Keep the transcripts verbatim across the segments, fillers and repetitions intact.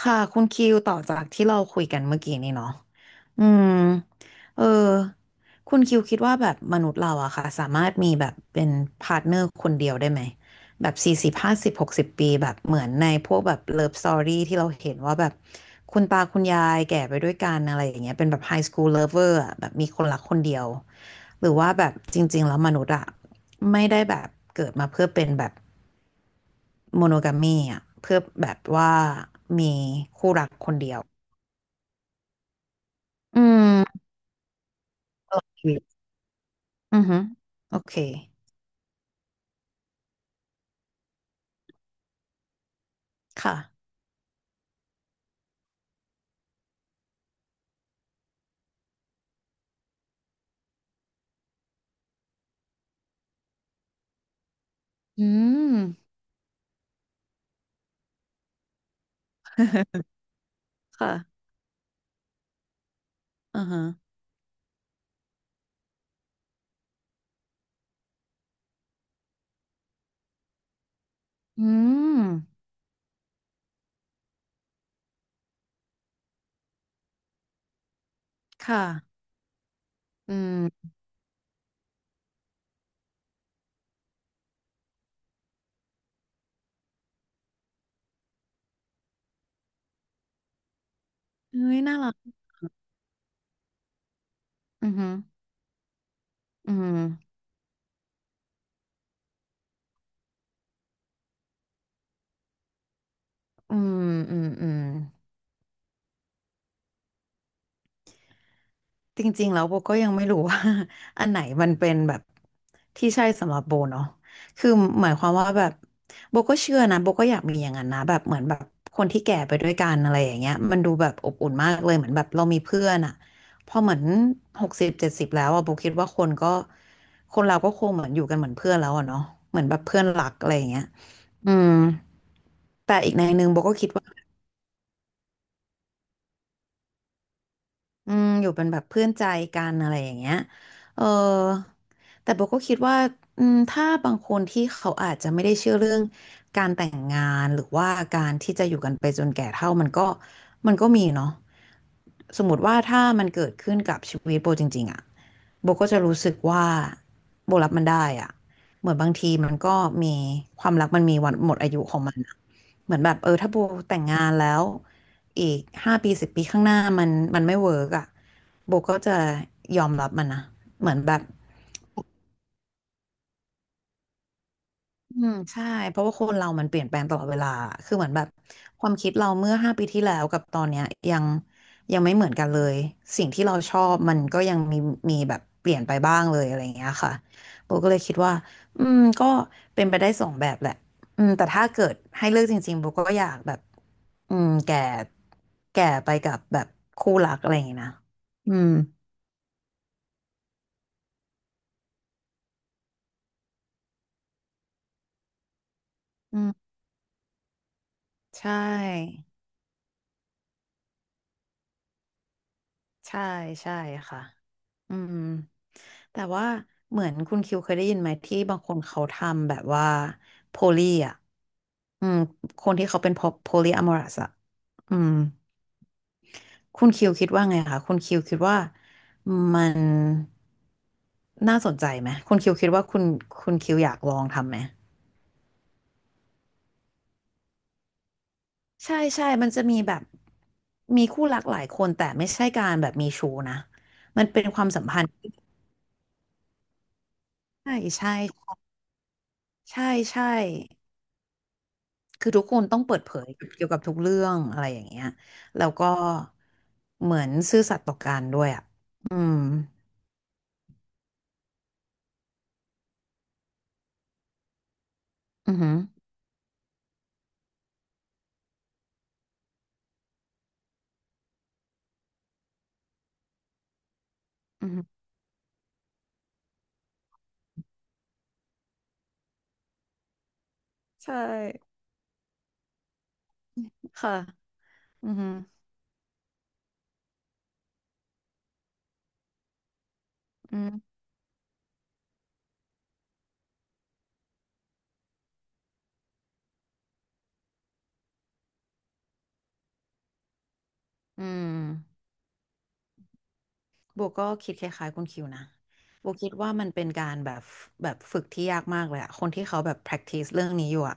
ค่ะคุณคิวต่อจากที่เราคุยกันเมื่อกี้นี่เนาะอืมเออคุณคิวคิดว่าแบบมนุษย์เราอะค่ะสามารถมีแบบเป็นพาร์ทเนอร์คนเดียวได้ไหมแบบสี่สิบห้าสิบหกสิบปีแบบเหมือนในพวกแบบเลิฟสตอรี่ที่เราเห็นว่าแบบคุณตาคุณยายแก่ไปด้วยกันอะไรอย่างเงี้ยเป็นแบบไฮสคูลเลิฟเวอร์อะแบบมีคนรักคนเดียวหรือว่าแบบจริงๆแล้วมนุษย์อะไม่ได้แบบเกิดมาเพื่อเป็นแบบ โมโนกามีอ่ะเพื่อแบบว่ามีคู่รักคนเดียวอืมตลอดชีวิตอือฮึโอเคค่ะอืมค่ะอือฮะอืมค่ะอืมเฮ้ยน่ารักอือฮึอืมอืมอืมอืม จริงๆแล้วโบก็ยังไม่รู้ว่า อันไหนมันเป็นแบบที่ใช่สำหรับโบเนาะคือหมายความว่าแบบโบก็เชื่อนะโบก็อยากมีอย่างนั้นนะแบบเหมือนแบบคนที่แก่ไปด้วยกันอะไรอย่างเงี้ยมันดูแบบอบอุ่นมากเลยเหมือนแบบเรามีเพื่อนอะพอเหมือนหกสิบเจ็ดสิบแล้วอะโบคิดว่าคนก็คนเราก็คงเหมือนอยู่กันเหมือนเพื่อนแล้วอะเนาะเหมือนแบบเพื่อนรักอะไรอย่างเงี้ยอืมแต่อีกในหนึ่งโบก็คิดว่า อืมอยู่เป็นแบบเพื่อนใจกันอะไรอย่างเงี้ยเออแต่โบก็คิดว่าอืมถ้าบางคนที่เขาอาจจะไม่ได้เชื่อเรื่องการแต่งงานหรือว่าการที่จะอยู่กันไปจนแก่เฒ่ามันก็มันก็มีเนาะสมมติว่าถ้ามันเกิดขึ้นกับชีวิตโบจริงๆอะ โบก็จะรู้สึกว่าโบรับมันได้อะเหมือนบางทีมันก็มีความรักมันมีวันหมดอายุของมันอะเหมือนแบบเออถ้าโบแต่งงานแล้วอีกห้าปีสิบปีข้างหน้ามันมันไม่เวิร์กอ่ะโบก็จะยอมรับมันนะเหมือนแบบ อืมใช่เพราะว่าคนเรามันเปลี่ยนแปลงตลอดเวลาคือเหมือนแบบความคิดเราเมื่อห้าปีที่แล้วกับตอนเนี้ยยังยังไม่เหมือนกันเลยสิ่งที่เราชอบมันก็ยังมีมีแบบเปลี่ยนไปบ้างเลยอะไรอย่างเงี้ยค่ะโบก็เลยคิดว่าอืมก็เป็นไปได้สองแบบแหละอืมแต่ถ้าเกิดให้เลือกจริงๆโบก็อยากแบบอืมแก่แก่ไปกับแบบคู่รักอะไรอย่างเงี้ยนะอืมอืมใช่ ใช่ใช่ค่ะอืมแต่ว่าเหมือนคุณคิวเคยได้ยินไหมที่บางคนเขาทำแบบว่าโพลีอ่ะอืมคนที่เขาเป็นโพลีอะมอรัสอ่ะอืม คุณคิวคิดว่าไงคะคุณคิวคิดว่ามันน่าสนใจไหม คุณคิวคิดว่าคุณคุณคิวอยากลองทำไหม ใช่ใช่มันจะมีแบบมีคู่รักหลายคนแต่ไม่ใช่การแบบมีชู้นะมันเป็นความสัมพันธ์ที่ใช่ใช่ใช่ใช่ คือทุกคนต้องเปิดเผยเกี่ยวกับทุกเรื่องอะไรอย่างเงี้ยแล้วก็เหมือนซื่อสัตย์ต่อกันด้วยอ่ะ อืม อือหืออือหือใช่ค่ะ อือหืออืมอืม โบก็คิดคล้ายๆคุณคิวนะโบคิดว่ามันเป็นการแบบแบบฝึกที่ยากมากเลยอะคนที่เขาแบบ practice เรื่องนี้อยู่อะ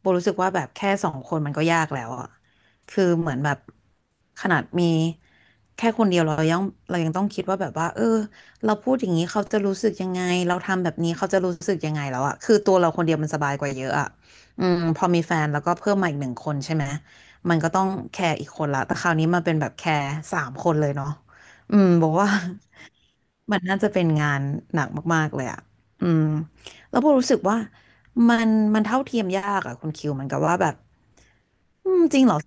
โบรู้สึกว่าแบบแค่สองคนมันก็ยากแล้วอะคือเหมือนแบบขนาดมีแค่คนเดียวเรายังเรายังต้องคิดว่าแบบว่าเออเราพูดอย่างนี้เขาจะรู้สึกยังไงเราทำแบบนี้เขาจะรู้สึกยังไงแล้วอะคือตัวเราคนเดียวมันสบายกว่าเยอะอะอืมพอมีแฟนแล้วก็เพิ่มมาอีกหนึ่งคนใช่ไหม มันก็ต้องแคร์อีกคนละ แต่คราวนี้มันเป็นแบบแคร์สามคนเลยเนาะ อืมบอกว่า มันน่าจะเป็นงานหนักมากๆเลยอ่ะอืมแล้วโบรู้สึกว่ามันมันเท่าเทียมยากอ่ะคุณคิวเหมันกับว่าแบบอืมจริงเหรอ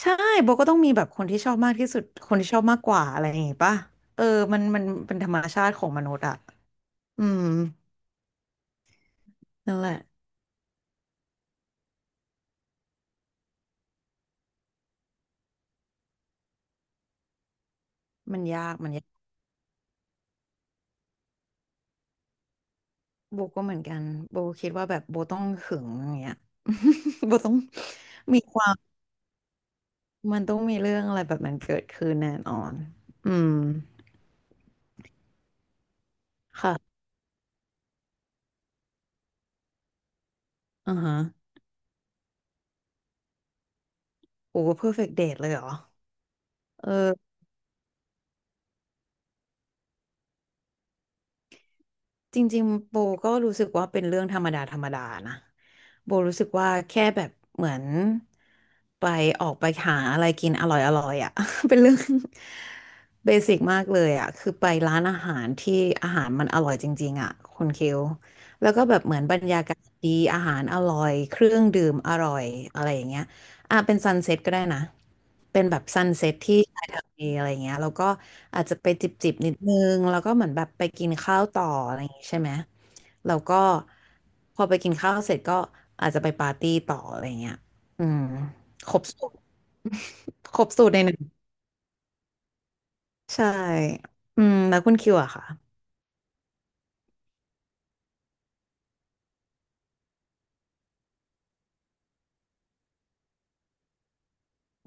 ใช่โบก็ต้องมีแบบคนที่ชอบมากที่สุดคนที่ชอบมากกว่าอะไรอย่างงี้ป่ะเออมันมันเป็นธรรมชาติของมนุษย์อ่ะอืมนั่นแหละมันยากมันยากโบก็เหมือนกันโบคิดว่าแบบโบต้องหึงอย่างเงี้ย โบต้องมีความมันต้องมีเรื่องอะไรแบบมันเกิดขึ้นแน่นอนอืม ค่ะอือฮะโอ้เพอร์เฟกต์เดทเลยเหรอเออจริงๆโบก็รู้สึกว่าเป็นเรื่องธรรมดาธรรมดานะโบรู้สึกว่าแค่แบบเหมือนไปออกไปหาอะไรกินอร่อยอร่อยอ่ะ เป็นเรื่อง เบสิกมากเลยอ่ะคือไปร้านอาหารที่อาหารมันอร่อยจริงๆอ่ะคุณคิวแล้วก็แบบเหมือนบรรยากาศดีอาหารอร่อยเครื่องดื่มอร่อยอะไรอย่างเงี้ย อ่ะเป็นซันเซ็ตก็ได้นะเป็นแบบซันเซ็ตที่ชายทะเลอะไรเงี้ยแล้วก็อาจจะไปจิบจิบนิดนึงแล้วก็เหมือนแบบไปกินข้าวต่ออะไรอย่างงี้ใช่ไหมแล้วก็พอไปกินข้าวเสร็จก็อาจจะไปปาร์ตี้ต่ออะไรเงี้ยอืมครบสูตรครบสูตรในหนึ่งใช่อืมแล้วคุณคิวอะค่ะ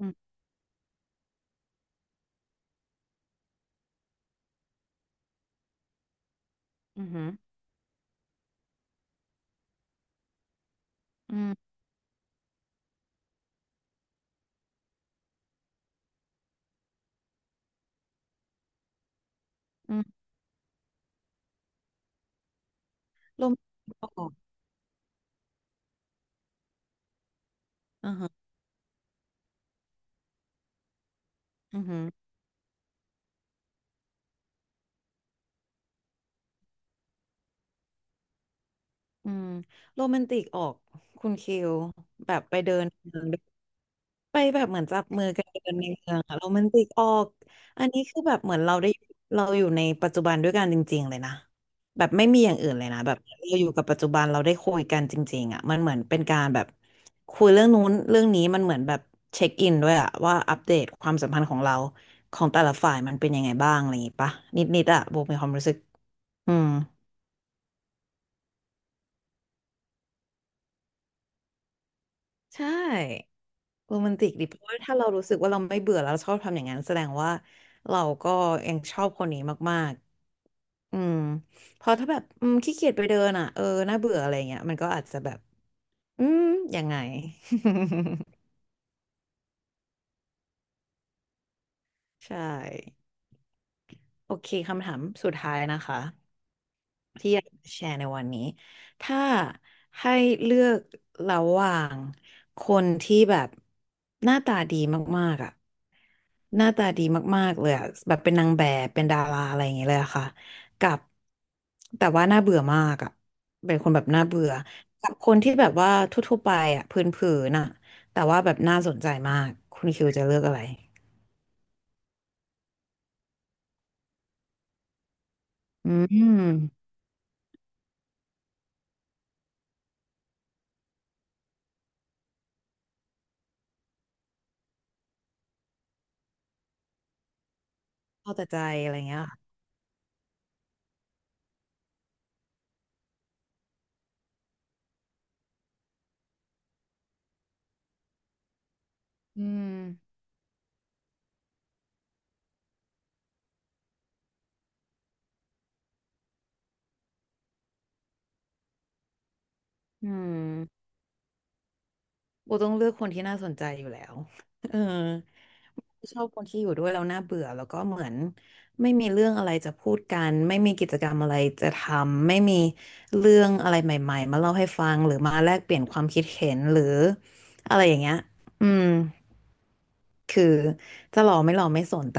อืมอืมอืมอืมโรแมนติกออกอือฮะอือฮึอืมโรแมนติกออกคุณคิวแบบไปเดินเดิน ไปแบบเหมือนจับมือกันเดินในเมืองอะโรแมนติกออกอันนี้คือแบบเหมือนเราได้เราอยู่ในปัจจุบันด้วยกันจริงๆเลยนะแบบไม่มีอย่างอื่นเลยนะแบบเราอยู่กับปัจจุบันเราได้คุยกันจริงๆอ่ะมันเหมือนเป็นการแบบคุยเรื่องนู้นเรื่องนี้มันเหมือนแบบเช็คอินด้วยอะว่าอัปเดตความสัมพันธ์ของเราของแต่ละฝ่ายมันเป็นยังไงบ้างอะไรอย่างงี้ปะนิดๆอะโบมีความรู้สึกอืมใช่โรแมนติกดิเพราะว่าถ้าเรารู้สึกว่าเราไม่เบื่อแล้วเราชอบทำอย่างนั้นแสดงว่าเราก็ยังชอบคนนี้มาก อืมเพอถ้าแบบอืมขี้เกียจไปเดินอ่ะเออน่าเบื่ออะไรเงี้ยมันก็อาจจะแบบอืมยังไง ใช่โอเคคำถามสุดท้ายนะคะ ที่อยากจะแชร์ในวันนี้ถ้าให้เลือกระหว่างคนที่แบบหน้าตาดีมากๆอ่ะหน้าตาดีมากๆเลยอะแบบเป็นนางแบบเป็นดาราอะไรอย่างเงี้ยเลยอะค่ะกับแต่ว่าน่าเบื่อมากอ่ะเป็นคนแบบน่าเบื่อกับคนที่แบบว่าทั่วๆไปอ่ะพื้นๆน่ะแต่ว่าแบบน่าสนใจมากคุณคิวจะเลือกอะไรอืมเข้าแต่ใจอะไรเงี้ยค่ะอืมอืม โบต้องเลือกคนที่น่าสนใจอยู่แล้ว เออชอบคนที่อยู่ด้วยแล้วน่าเบื่อแล้วก็เหมือนไม่มีเรื่องอะไรจะพูดกันไม่มีกิจกรรมอะไรจะทำไม่มีเรื่องอะไรใหม่ๆมาเล่าให้ฟังหรือมาแลกเปลี่ยนความคิดเห็นหรืออะไรอย่างเงี้ย อืมคือจะหล่อไม่หล่อไม่สนแต่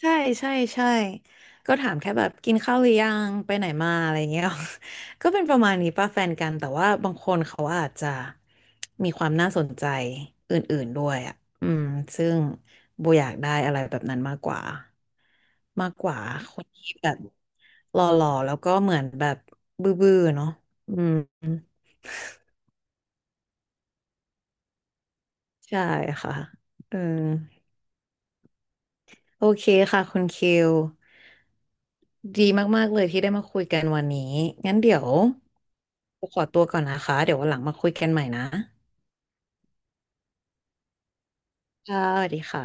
ใช่ใช่ใช่ก็ถามแค่แบบกินข้าวหรือยังไปไหนมาอะไรเงี้ย ก็เป็นประมาณนี้ป่ะแฟนกันแต่ว่าบางคนเขาอาจจะมีความน่าสนใจอื่นๆด้วยอ่ะอืมซึ่งโบอยากได้อะไรแบบนั้นมากกว่ามากกว่าคนที่แบบหล่อๆแล้วก็เหมือนแบบบื้อๆเนาะอืมใช่ค่ะเออ โอเคค่ะคุณคิว ดีมากๆเลยที่ได้มาคุยกันวันนี้ งั้นเดี๋ยวขอตัวก่อนนะคะ เดี๋ยววันหลังมาคุยกันใหม่นะค่ะสวัสดีค่ะ